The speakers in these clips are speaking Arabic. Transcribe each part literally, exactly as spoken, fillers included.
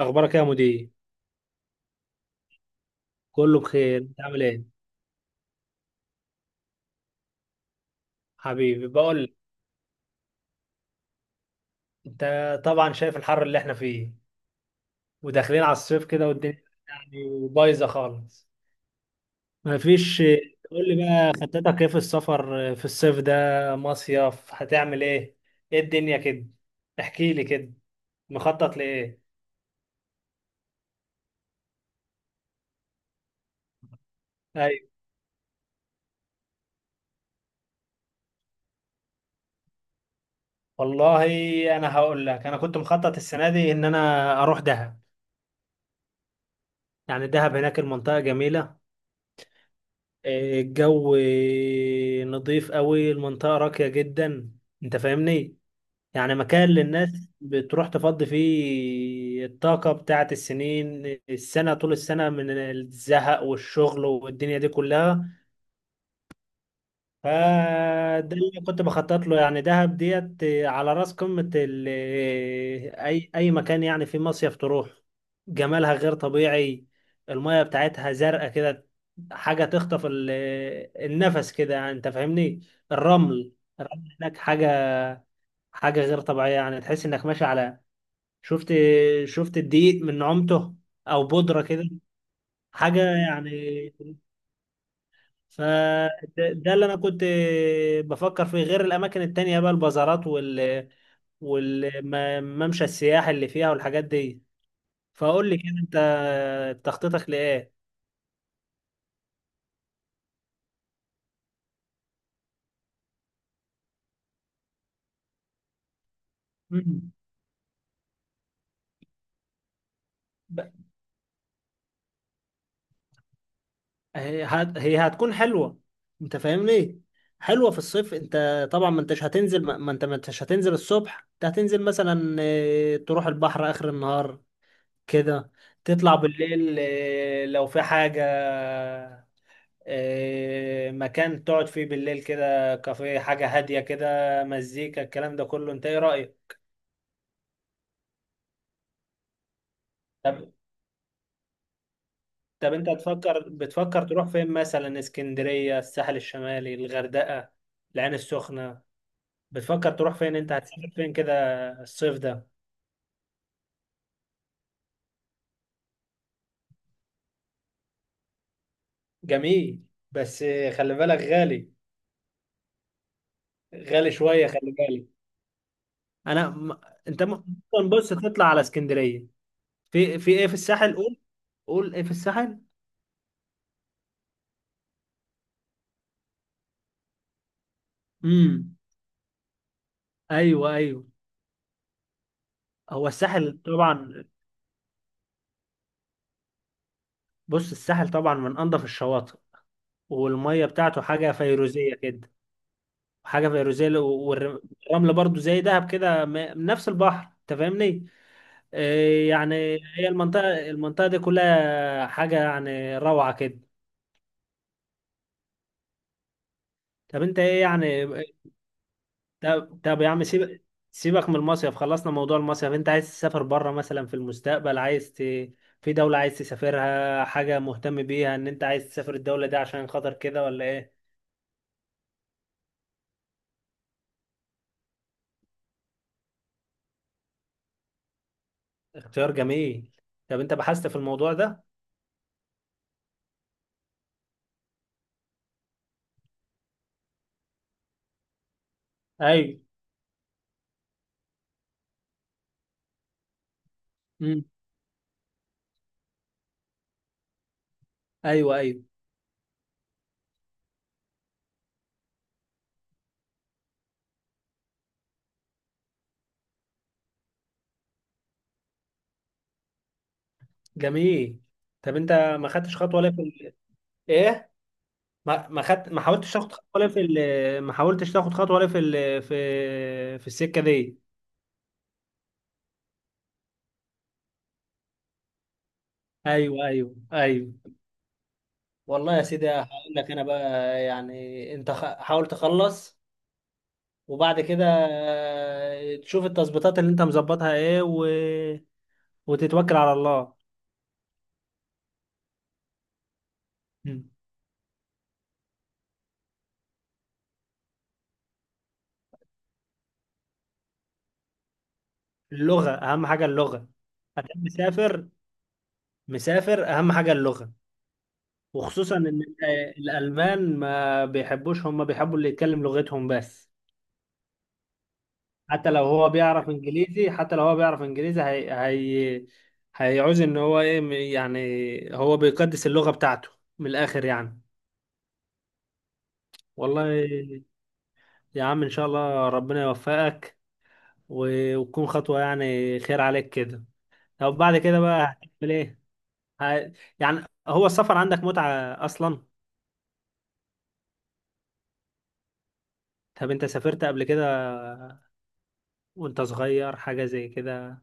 اخبارك يا مدير؟ كله بخير، انت عامل ايه؟ حبيبي بقول لك، انت طبعا شايف الحر اللي احنا فيه وداخلين على الصيف كده، والدنيا يعني بايظه خالص. مفيش، تقول لي بقى خطتك ايه في السفر في الصيف ده؟ مصيف هتعمل ايه؟ ايه الدنيا كده؟ احكي لي كده. مخطط لايه؟ ايوه، والله انا هقول لك، انا كنت مخطط السنه دي ان انا اروح دهب. يعني دهب هناك المنطقه جميله، الجو نظيف قوي، المنطقة راقية جدا، انت فاهمني. يعني مكان للناس بتروح تفضي فيه الطاقة بتاعت السنين السنة، طول السنة، من الزهق والشغل والدنيا دي كلها. فده اللي كنت بخطط له، يعني دهب ديت على راس قمة ال- آه، أي أي مكان يعني في مصيف تروح. جمالها غير طبيعي، المية بتاعتها زرقاء كده، حاجة تخطف ال- آه، النفس كده، يعني أنت فاهمني. الرمل، الرمل هناك حاجة حاجة غير طبيعية، يعني تحس إنك ماشي على. شفت شفت الدقيق من نعومته، أو بودرة كده، حاجة يعني. فده ده اللي انا كنت بفكر فيه، غير الاماكن التانية بقى، البازارات وال والممشى السياحي اللي فيها والحاجات دي. فاقول لي كده انت تخطيطك لايه؟ مم. ب- هي هت- هي هتكون حلوة، انت فاهمني، حلوة في الصيف. انت طبعا ما انتش هتنزل، ما ما انت ما انتش هتنزل الصبح، انت هتنزل مثلا، آه، تروح البحر اخر النهار كده، تطلع بالليل، آه، لو في حاجة، آه، مكان تقعد فيه بالليل، كده كافيه، حاجة هادية كده، مزيكا، الكلام ده كله، انت ايه رأيك؟ طب، طب انت تفكر بتفكر تروح فين؟ مثلا اسكندرية، الساحل الشمالي، الغردقة، العين السخنة، بتفكر تروح فين، انت هتسافر فين كده الصيف ده؟ جميل، بس آه، خلي بالك غالي، غالي شوية، خلي بالك. انا م... انت ممكن، بص، تطلع على اسكندرية. في في ايه في الساحل؟ قول، قول ايه في الساحل. امم. ايوه، ايوه. هو الساحل طبعا، بص الساحل طبعا من انظف الشواطئ، والميه بتاعته حاجه فيروزيه كده، حاجه فيروزيه، والرمل برضو زي دهب كده. م- نفس البحر، انت فاهمني. آه، يعني هي المنطقه المنطقه دي كلها حاجه يعني روعه كده. طب انت ايه يعني؟ طب, طب يا عم، سيب سيبك من المصيف، خلصنا موضوع المصيف. انت عايز تسافر بره مثلا في المستقبل، عايز ت... في دولة عايز تسافرها، حاجة مهتم بيها، ان انت عايز تسافر الدولة دي عشان خاطر كده ولا ايه؟ اختيار جميل. طب انت بحثت في الموضوع ده؟ ايوه. امم. ايوه، ايوه. جميل. طب انت ما خدتش خطوه ولا في ال...؟ ايه، ما ما خدت ما حاولتش تاخد خطوه ولا في ال...؟ ما حاولتش تاخد خطوه ولا في ال... في في السكه دي؟ ايوه، ايوه، ايوه. والله يا سيدي هقول لك انا بقى، يعني انت، خ... حاول تخلص، وبعد كده آه، تشوف التظبيطات اللي انت مظبطها ايه، و... وتتوكل على الله. أمم. اللغه اهم حاجه، اللغه. هتسافر، مسافر، اهم حاجه اللغه. وخصوصا ان ال- الالمان ما بيحبوش، هم بيحبوا اللي يتكلم لغتهم بس. حتى لو هو بيعرف انجليزي حتى لو هو بيعرف انجليزي، هي هي هيعوز ان هو ايه، م- يعني هو بيقدس اللغه بتاعته، من الاخر يعني. والله يا عم، ان شاء الله ربنا يوفقك، و- وتكون خطوه يعني خير عليك كده. طب بعد كده بقى هتعمل ايه؟ ه- يعني هو السفر عندك متعه اصلا؟ طب انت سافرت قبل كده وانت صغير، حاجة زي كده؟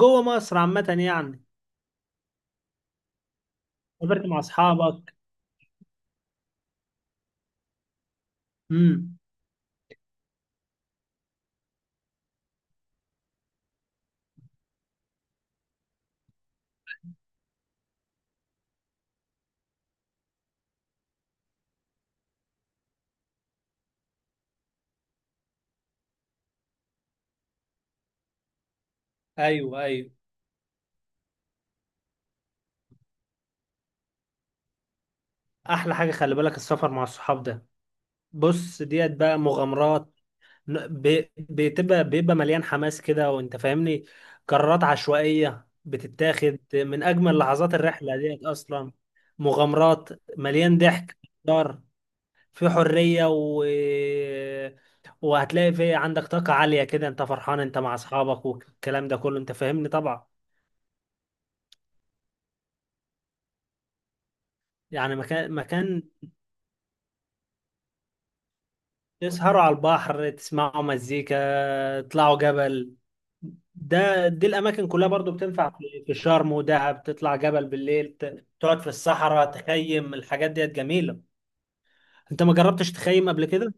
جوه مصر عامة يعني. سافرت مع اصحابك؟ امم. ايوه، ايوه. احلى حاجة، خلي بالك، السفر مع الصحاب ده. بص ديت بقى مغامرات، ن- بي- بتبقى بيبقى مليان حماس كده، وانت فاهمني. قرارات عشوائية بتتاخد، من اجمل لحظات الرحلة ديت اصلا. مغامرات، مليان ضحك، دار، في حرية، و... وهتلاقي في عندك طاقة عالية كده، انت فرحان، انت مع اصحابك، والكلام ده كله، انت فاهمني طبعا. يعني مكان مكان، تسهروا على البحر، تسمعوا مزيكا، تطلعوا جبل. ده دي الأماكن كلها برضو بتنفع في في شرم ودهب، تطلع جبل بالليل، ت- تقعد في الصحراء، تخيم، الحاجات ديت جميلة. أنت ما جربتش تخيم قبل كده؟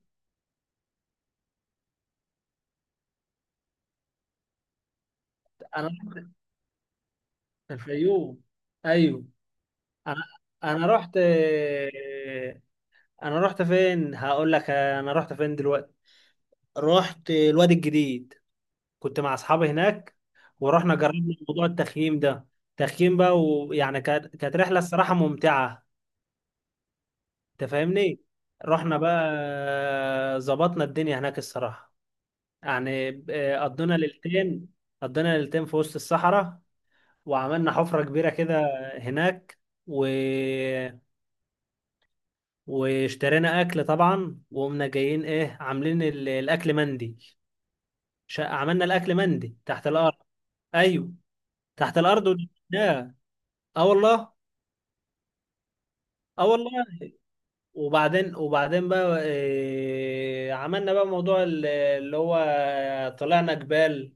أنا رحت الفيوم، أيوه. أنا أنا رحت أنا رحت فين؟ هقول لك أنا رحت فين دلوقتي. رحت الوادي الجديد، كنت مع اصحابي هناك، ورحنا جربنا موضوع التخييم ده، تخييم بقى، ويعني كانت كانت رحله الصراحه ممتعه. انت فاهمني، رحنا بقى ظبطنا الدنيا هناك الصراحه. يعني آه، قضينا ليلتين قضينا ليلتين في وسط الصحراء، وعملنا حفره كبيره كده هناك، و... واشترينا اكل طبعا، وقمنا جايين ايه، عاملين ال- الاكل مندي. ش... عملنا الاكل مندي تحت الارض. ايوه، تحت الارض ونشوي. اه والله. اه والله. وبعدين وبعدين بقى إيه، عملنا بقى موضوع ال- اللي هو، طلعنا جبال،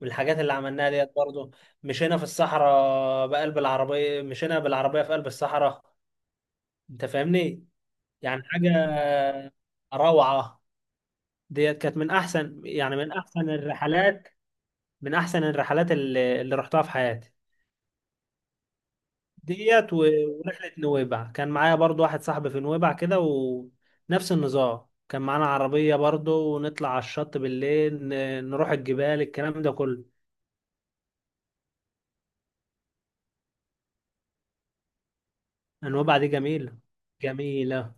والحاجات اللي عملناها ديت برضه. مشينا في الصحراء بقلب العربية مشينا بالعربية في قلب الصحراء، انت فاهمني. يعني حاجة روعة. ديت كانت من احسن، يعني من احسن الرحلات من احسن الرحلات اللي, اللي رحتها في حياتي. ديت، و- ورحلة نويبع، كان معايا برضو واحد صاحبي في نويبع كده، ونفس النظام، كان معانا عربية برضو، ونطلع على الشط بالليل، ن- نروح الجبال، الكلام ده كله. نويبع دي جميلة، جميلة.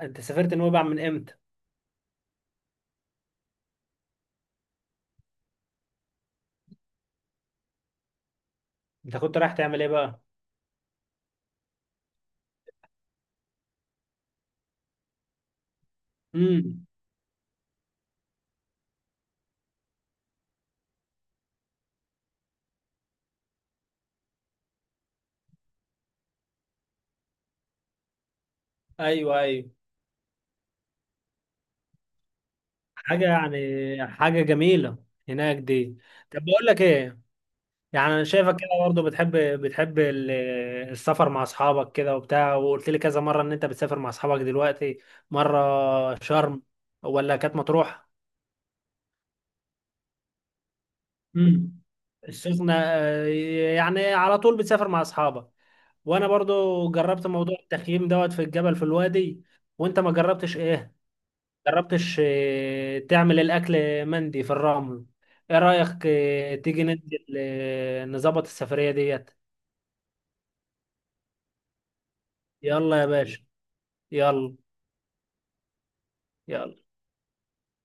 انت سافرت نويبع من امتى؟ انت كنت رايح تعمل ايه بقى؟ امم. ايوه، ايوه. حاجة يعني، حاجة جميلة هناك دي. طب بقول لك ايه، يعني انا شايفك كده برضه بتحب، بتحب ال- السفر مع اصحابك كده وبتاع، وقلت لي كذا مره ان انت بتسافر مع اصحابك دلوقتي، مره شرم ولا كانت مطروح. امم. السخنه، آه، يعني على طول بتسافر مع اصحابك. وانا برضه جربت موضوع التخييم دوت في الجبل في الوادي، وانت ما جربتش ايه، جربتش آه، تعمل الاكل مندي في الرمل. ايه رايك آه، تيجي ننزل، آه، نظبط السفريه ديت؟ يلا يا باشا. يلا، يلا.